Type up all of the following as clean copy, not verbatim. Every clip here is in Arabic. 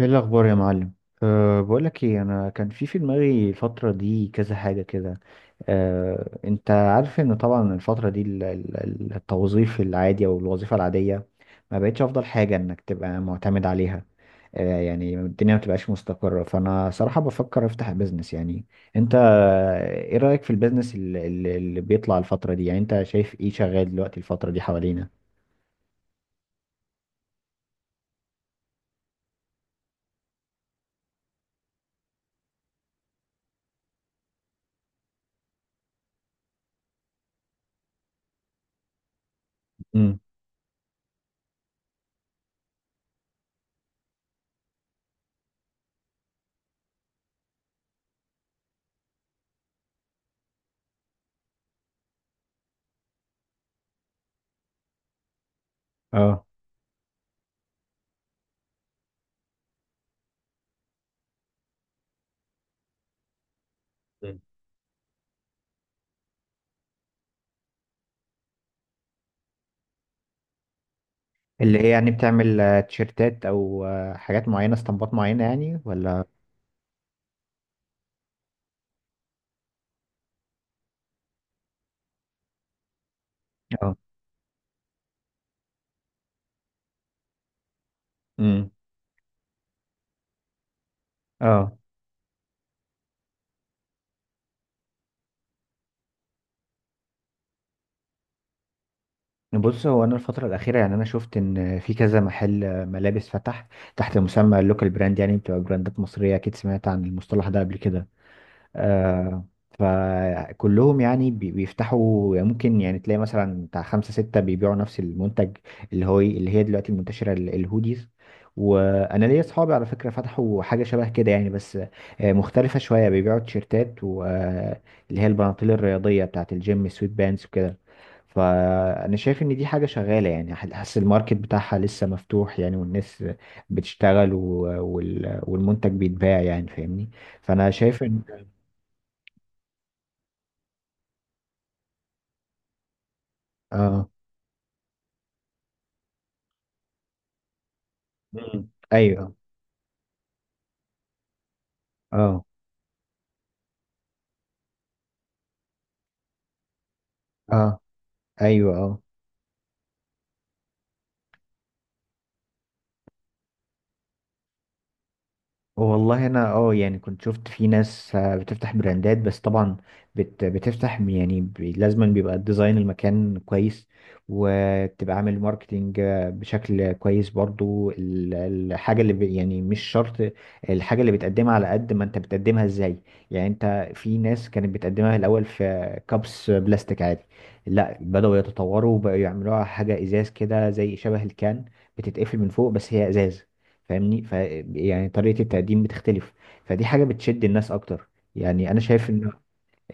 ايه الاخبار يا معلم؟ بقولك ايه، انا كان في دماغي الفتره دي كذا حاجه كده. انت عارف ان طبعا الفتره دي التوظيف العادي او الوظيفه العاديه ما بقتش افضل حاجه انك تبقى معتمد عليها. يعني الدنيا ما بتبقاش مستقره، فانا صراحه بفكر افتح بيزنس يعني. انت ايه رايك في البيزنس اللي بيطلع الفتره دي؟ يعني انت شايف ايه شغال دلوقتي الفتره دي حوالينا؟ امم. اه. اللي هي يعني بتعمل تيشيرتات او حاجات معينه، اسطمبات معينه يعني، ولا؟ اه. امم. اه. بص، هو انا الفتره الاخيره يعني انا شفت ان في كذا محل ملابس فتح تحت مسمى اللوكال براند. يعني بتبقى براندات مصريه، اكيد سمعت عن المصطلح ده قبل كده. آه، فكلهم يعني بيفتحوا، ممكن يعني تلاقي مثلا بتاع خمسة ستة بيبيعوا نفس المنتج، اللي هو اللي هي دلوقتي المنتشرة الهوديز. وانا ليا اصحابي على فكرة فتحوا حاجة شبه كده يعني، بس مختلفة شوية، بيبيعوا تيشيرتات واللي هي البناطيل الرياضية بتاعة الجيم السويت بانس وكده. فانا شايف ان دي حاجة شغالة، يعني حاسس الماركت بتاعها لسه مفتوح يعني، والناس بتشتغل، والمنتج بيتباع يعني، فاهمني؟ فانا شايف ان اه. مم. ايوه. اه. اه. ايوه. اه. والله انا يعني كنت شفت في ناس بتفتح براندات، بس طبعا بتفتح يعني، لازما بيبقى ديزاين المكان كويس، وبتبقى عامل ماركتينج بشكل كويس برضو. الحاجة يعني مش شرط الحاجة اللي بتقدمها، على قد ما انت بتقدمها ازاي. يعني انت في ناس كانت بتقدمها الاول في كابس بلاستيك عادي، لا بدأوا يتطوروا وبقوا يعملوها حاجة ازاز كده زي شبه الكان، بتتقفل من فوق بس هي ازاز، فاهمني؟ يعني طريقة التقديم بتختلف، فدي حاجة بتشد الناس اكتر. يعني انا شايف ان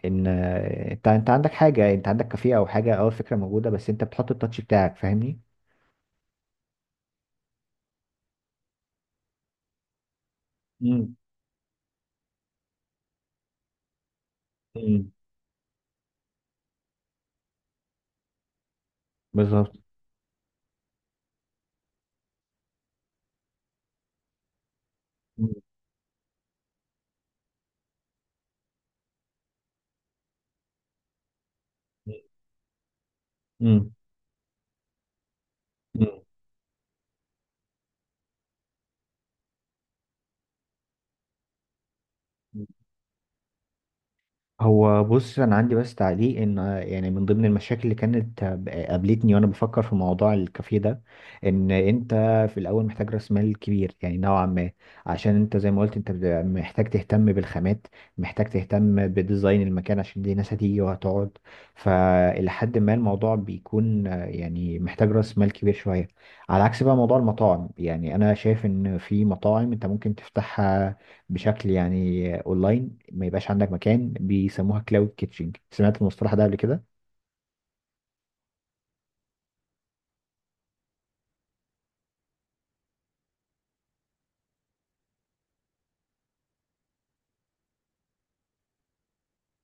ان انت عندك حاجة، انت عندك كافيه او حاجة او الفكرة موجودة، بس انت بتحط التاتش بتاعك، فاهمني؟ امم. امم. بالظبط. امم. هو بص، انا عندي بس تعليق ان يعني من ضمن المشاكل اللي كانت قابلتني وانا بفكر في موضوع الكافيه ده ان انت في الاول محتاج راس مال كبير يعني نوعا ما، عشان انت زي ما قلت انت بتبقى محتاج تهتم بالخامات، محتاج تهتم بديزاين المكان عشان دي ناس هتيجي وهتقعد. فلحد ما الموضوع بيكون يعني محتاج راس مال كبير شوية. على عكس بقى موضوع المطاعم، يعني انا شايف ان في مطاعم انت ممكن تفتحها بشكل يعني اونلاين، ما يبقاش عندك مكان. بيسموها كلاود كيتشنج، سمعت المصطلح ده قبل كده؟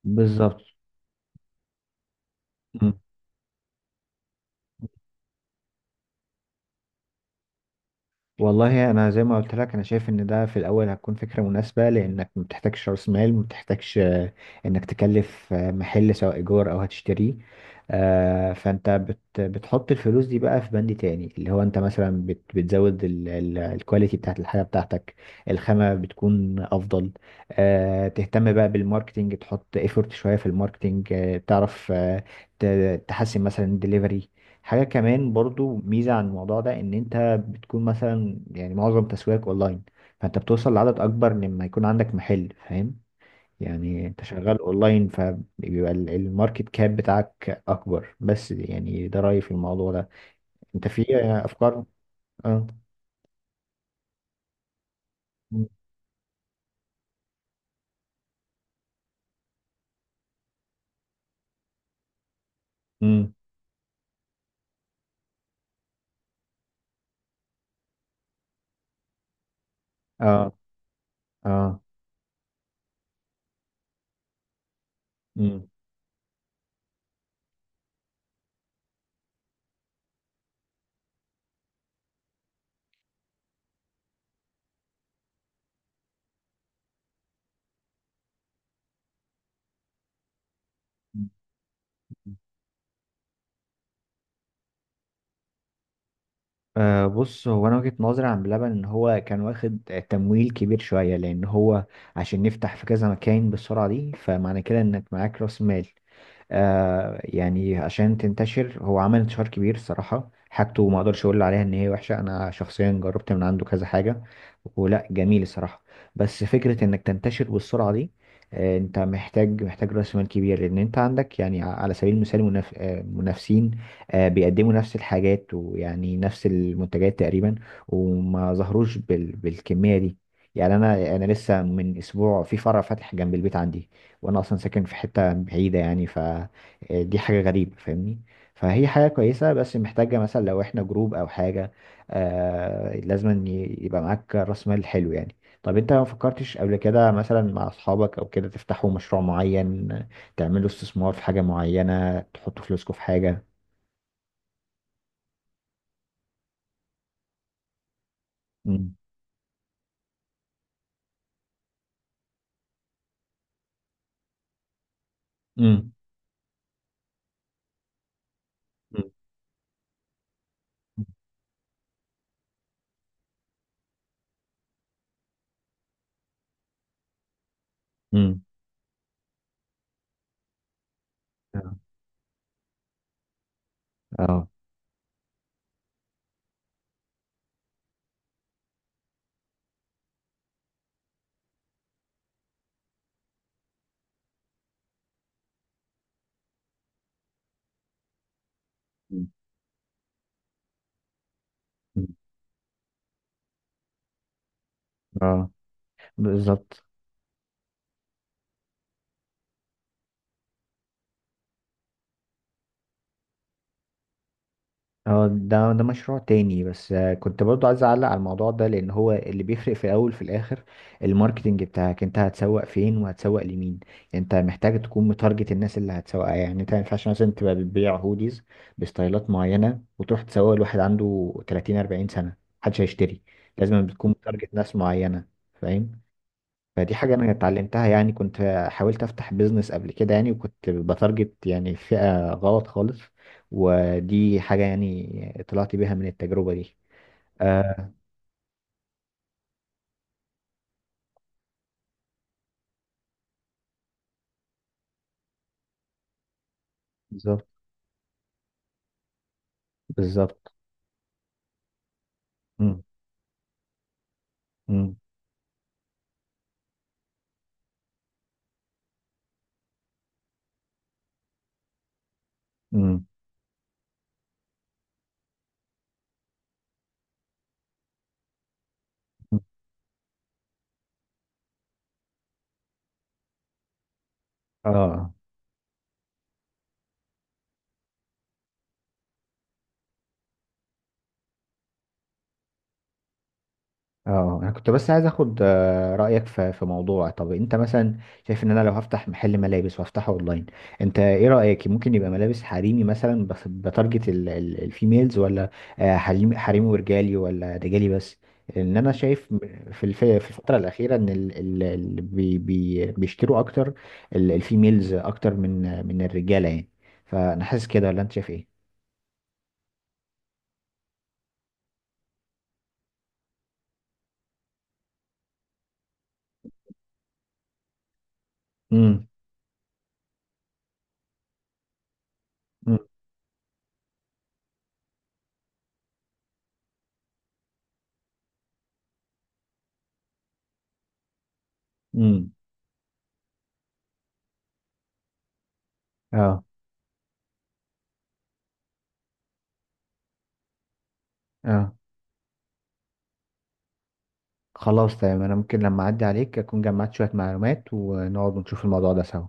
بالظبط. مم. والله انا زي ما قلت لك، انا شايف ان ده في الاول هتكون فكره مناسبه لانك ما بتحتاجش راس مال، ما بتحتاجش انك تكلف محل سواء ايجار او هتشتريه. فانت بتحط الفلوس دي بقى في بند تاني، اللي هو انت مثلا بتزود الكواليتي بتاعت الحاجه بتاعتك. الخامه بتكون افضل. تهتم بقى بالماركتينج، تحط ايفورت شويه في الماركتينج، تعرف، تحسن مثلا الدليفري. حاجة كمان برضو ميزة عن الموضوع ده ان انت بتكون مثلا يعني معظم تسويقك اونلاين، فانت بتوصل لعدد اكبر لما يكون عندك محل، فاهم؟ يعني انت شغال اونلاين فبيبقى الماركت كاب بتاعك اكبر. بس يعني ده رأيي في الموضوع ده. انت في افكار؟ اه. امم. اه. اه. امم. بص، هو انا وجهة نظري عن بلبن ان هو كان واخد تمويل كبير شوية، لان هو عشان نفتح في كذا مكان بالسرعة دي، فمعنى كده انك معاك راس مال. يعني عشان تنتشر. هو عمل انتشار كبير الصراحة، حاجته ما اقدرش اقول عليها ان هي وحشة، انا شخصيا جربت من عنده كذا حاجة ولا جميل الصراحة. بس فكرة انك تنتشر بالسرعة دي، انت محتاج راس مال كبير، لان انت عندك يعني على سبيل المثال منف... آه، منافسين بيقدموا نفس الحاجات ويعني نفس المنتجات تقريبا، وما ظهروش بالكمية دي. يعني انا لسه من اسبوع في فرع فاتح جنب البيت عندي، وانا اصلا ساكن في حته بعيده يعني، فدي حاجه غريبه فاهمني. فهي حاجه كويسه بس محتاجه مثلا لو احنا جروب او حاجه، لازم يبقى معاك راس مال حلو يعني. طب انت ما فكرتش قبل كده مثلا مع اصحابك او كده تفتحوا مشروع معين، تعملوا استثمار في حاجه معينه، تحطوا فلوسكم في حاجه؟ امم. امم. امم. اه. آه. مم. مم. اه. بالظبط. اه، ده مشروع تاني، بس كنت برضو عايز اعلق على الموضوع ده، لان هو اللي بيفرق في الاول في الاخر الماركتنج بتاعك. انت هتسوق فين وهتسوق لمين؟ يعني انت محتاج تكون متارجت الناس اللي هتسوقها. يعني انت ما ينفعش مثلا تبقى بتبيع هوديز بستايلات معينة وتروح تسوق لواحد عنده 30 40 سنة، محدش هيشتري. لازم بتكون متارجت ناس معينة، فاهم؟ فدي حاجة أنا اتعلمتها، يعني كنت حاولت أفتح بيزنس قبل كده يعني وكنت بتارجت يعني فئة غلط خالص، ودي حاجة يعني طلعت بيها من التجربة دي. آه. بالظبط. بالظبط. مم. مم. مم. مم. اه. اه، انا كنت بس عايز اخد رايك في موضوع. طب انت مثلا شايف ان انا لو هفتح محل ملابس وافتحه اونلاين، انت ايه رايك؟ ممكن يبقى ملابس حريمي مثلا بس بتارجت الفيميلز، ولا حريمي ورجالي، ولا رجالي بس؟ ان انا شايف في الفتره الاخيره ان اللي بيشتروا اكتر الفيميلز اكتر من الرجاله يعني. فانا حاسس كده، ولا انت شايف ايه؟ امم. امم. امم. اه. اه. خلاص، تمام. انا ممكن لما اعدي عليك اكون جمعت شوية معلومات ونقعد ونشوف الموضوع ده سوا.